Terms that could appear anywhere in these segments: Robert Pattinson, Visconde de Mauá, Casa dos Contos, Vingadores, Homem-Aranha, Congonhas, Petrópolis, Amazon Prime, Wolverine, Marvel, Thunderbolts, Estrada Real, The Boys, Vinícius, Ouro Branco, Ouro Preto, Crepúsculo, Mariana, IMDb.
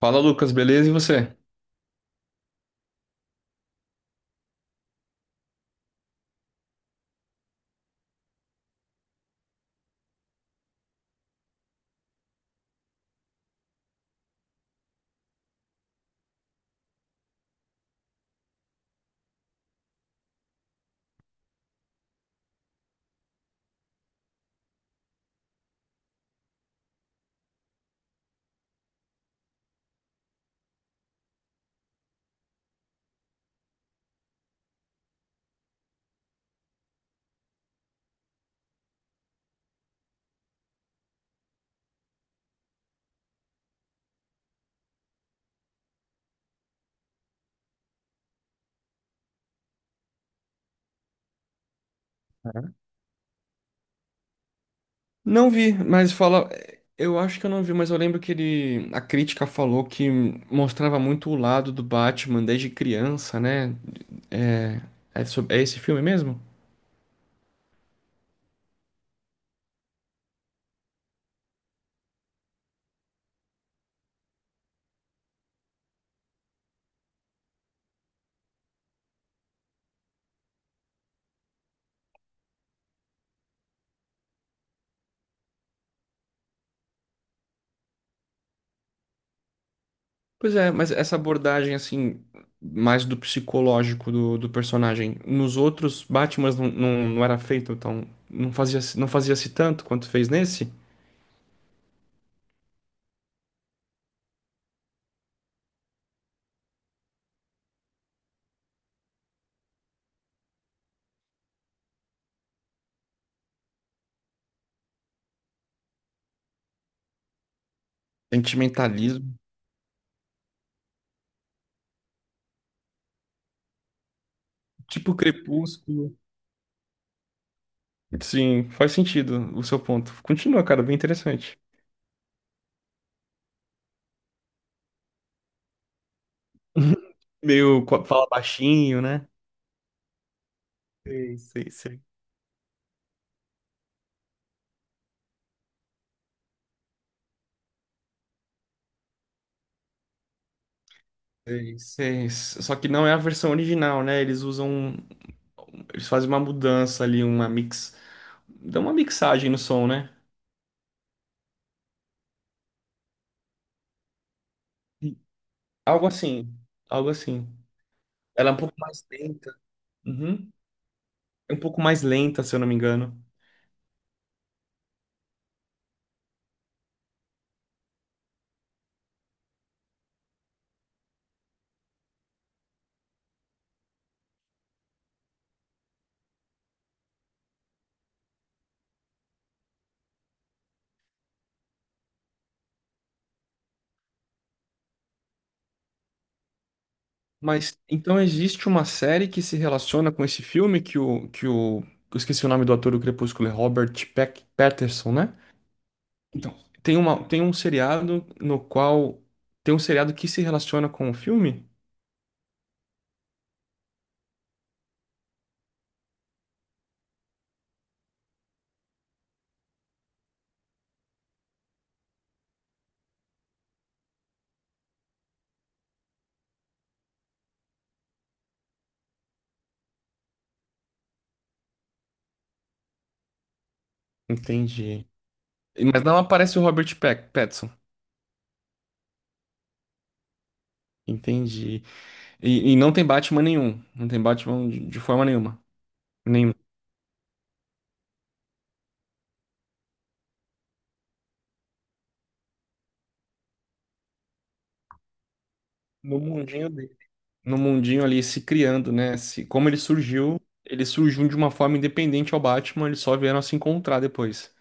Fala, Lucas, beleza? E você? Não vi, mas fala. Eu acho que eu não vi, mas eu lembro que ele. A crítica falou que mostrava muito o lado do Batman desde criança, né? É, é, é esse filme mesmo? Pois é, mas essa abordagem, assim, mais do psicológico do personagem. Nos outros Batmans não era feito, então. Não fazia-se tanto quanto fez nesse? Sentimentalismo. Tipo Crepúsculo. Sim, faz sentido o seu ponto. Continua, cara, bem interessante. Meio fala baixinho, né? Sei, sei, sei. Sei, sei. Só que não é a versão original, né? Eles fazem uma mudança ali, uma mix, dá uma mixagem no som, né? Algo assim, algo assim. Ela é um pouco mais lenta. Uhum. É um pouco mais lenta, se eu não me engano. Mas então existe uma série que se relaciona com esse filme que o eu esqueci o nome do ator do Crepúsculo, é Robert Peck, Patterson, né? Então, tem um seriado no qual tem um seriado que se relaciona com o filme? Entendi. Mas não aparece o Robert Pattinson. Entendi. E não tem Batman nenhum. Não tem Batman de forma nenhuma. Nenhum. No mundinho dele. No mundinho ali se criando, né? Se, como ele surgiu de uma forma independente ao Batman, eles só vieram a se encontrar depois.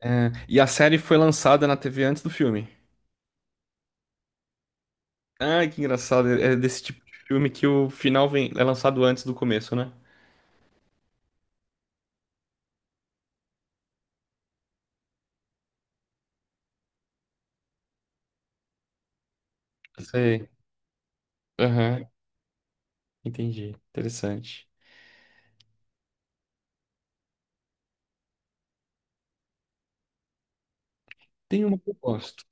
É, e a série foi lançada na TV antes do filme. Ah, que engraçado. É desse tipo de filme que é lançado antes do começo, né? Sei. Aham, entendi. Interessante. Tem uma que eu gosto.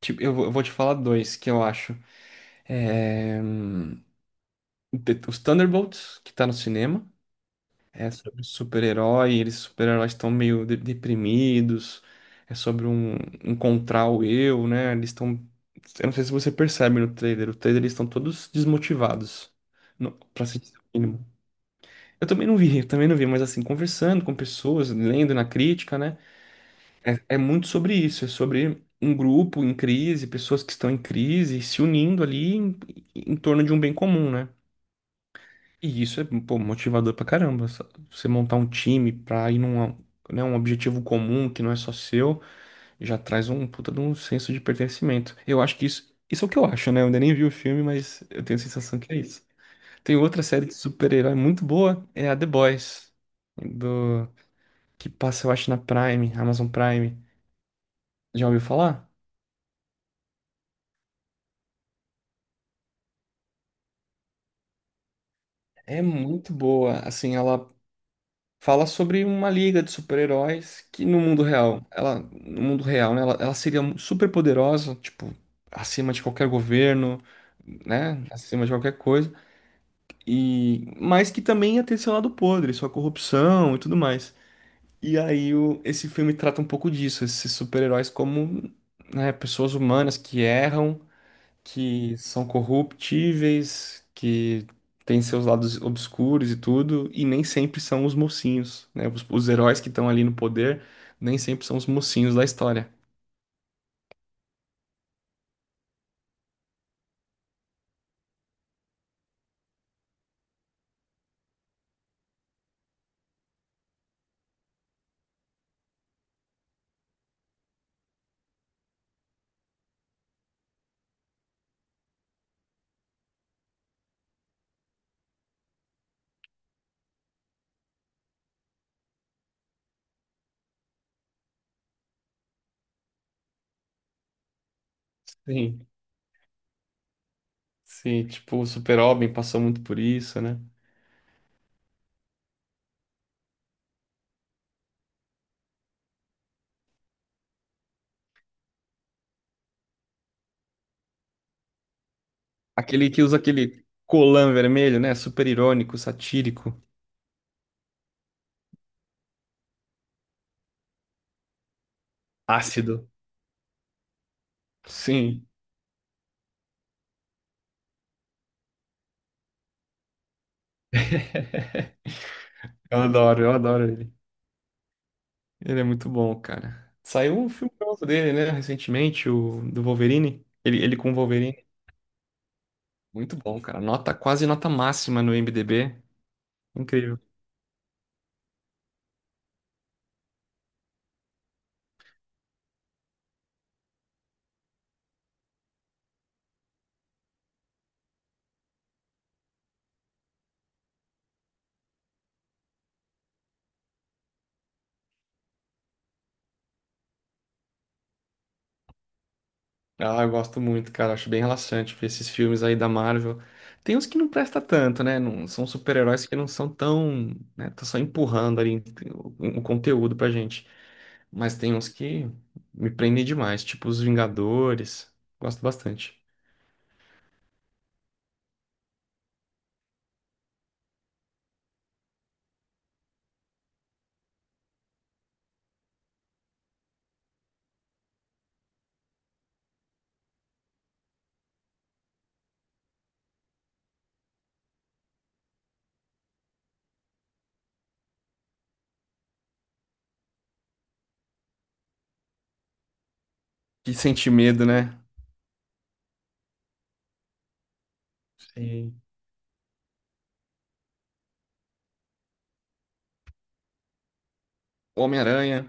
Tipo, eu vou te falar dois que eu acho. É... hum, Os Thunderbolts, que tá no cinema. É sobre super-herói, eles super-heróis estão meio deprimidos. É sobre um encontrar o eu, né? Eles estão. Eu não sei se você percebe no trailer. O trailer eles estão todos desmotivados. Não, pra se dizer o mínimo. Eu também não vi, mas assim, conversando com pessoas, lendo na crítica, né? É, é muito sobre isso, é sobre um grupo em crise, pessoas que estão em crise, se unindo ali em, em torno de um bem comum, né? E isso é, pô, motivador pra caramba. Você montar um time pra ir num, né, um objetivo comum que não é só seu, já traz um puta de um senso de pertencimento. Eu acho que isso é o que eu acho, né? Eu ainda nem vi o filme, mas eu tenho a sensação que é isso. Tem outra série de super-herói muito boa, é a The Boys, do, que passa, eu acho, na Prime, Amazon Prime. Já ouviu falar? É muito boa. Assim, ela fala sobre uma liga de super-heróis que no mundo real, né, ela seria super poderosa, tipo, acima de qualquer governo, né, acima de qualquer coisa. E mas que também ia ter seu lado podre, sua corrupção e tudo mais. E aí esse filme trata um pouco disso, esses super-heróis como, né, pessoas humanas que erram, que são corruptíveis, que têm seus lados obscuros e tudo, e nem sempre são os mocinhos, né? Os heróis que estão ali no poder nem sempre são os mocinhos da história. Sim, sim, tipo, o Super-Homem passou muito por isso, né? Aquele que usa aquele colã vermelho, né? Super irônico, satírico, ácido. Sim, eu adoro ele. Ele é muito bom, cara. Saiu um filme novo dele, né? Recentemente, o do Wolverine. Ele com o Wolverine. Muito bom, cara. Nota, quase nota máxima no IMDb. Incrível. Ah, eu gosto muito, cara. Acho bem relaxante ver esses filmes aí da Marvel. Tem uns que não presta tanto, né? Não, são super-heróis que não são tão, né? Tá só empurrando ali o conteúdo pra gente. Mas tem uns que me prendem demais, tipo os Vingadores. Gosto bastante. Que sente medo, né? Sim. Homem-Aranha.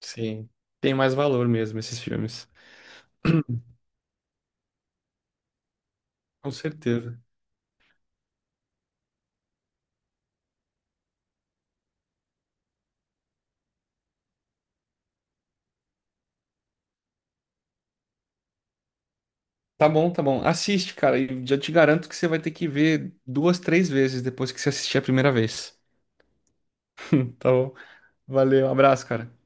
Sim. Tem mais valor mesmo esses filmes. Com certeza. Tá bom, tá bom. Assiste, cara, e já te garanto que você vai ter que ver duas, três vezes depois que você assistir a primeira vez. Tá bom. Valeu, um abraço, cara.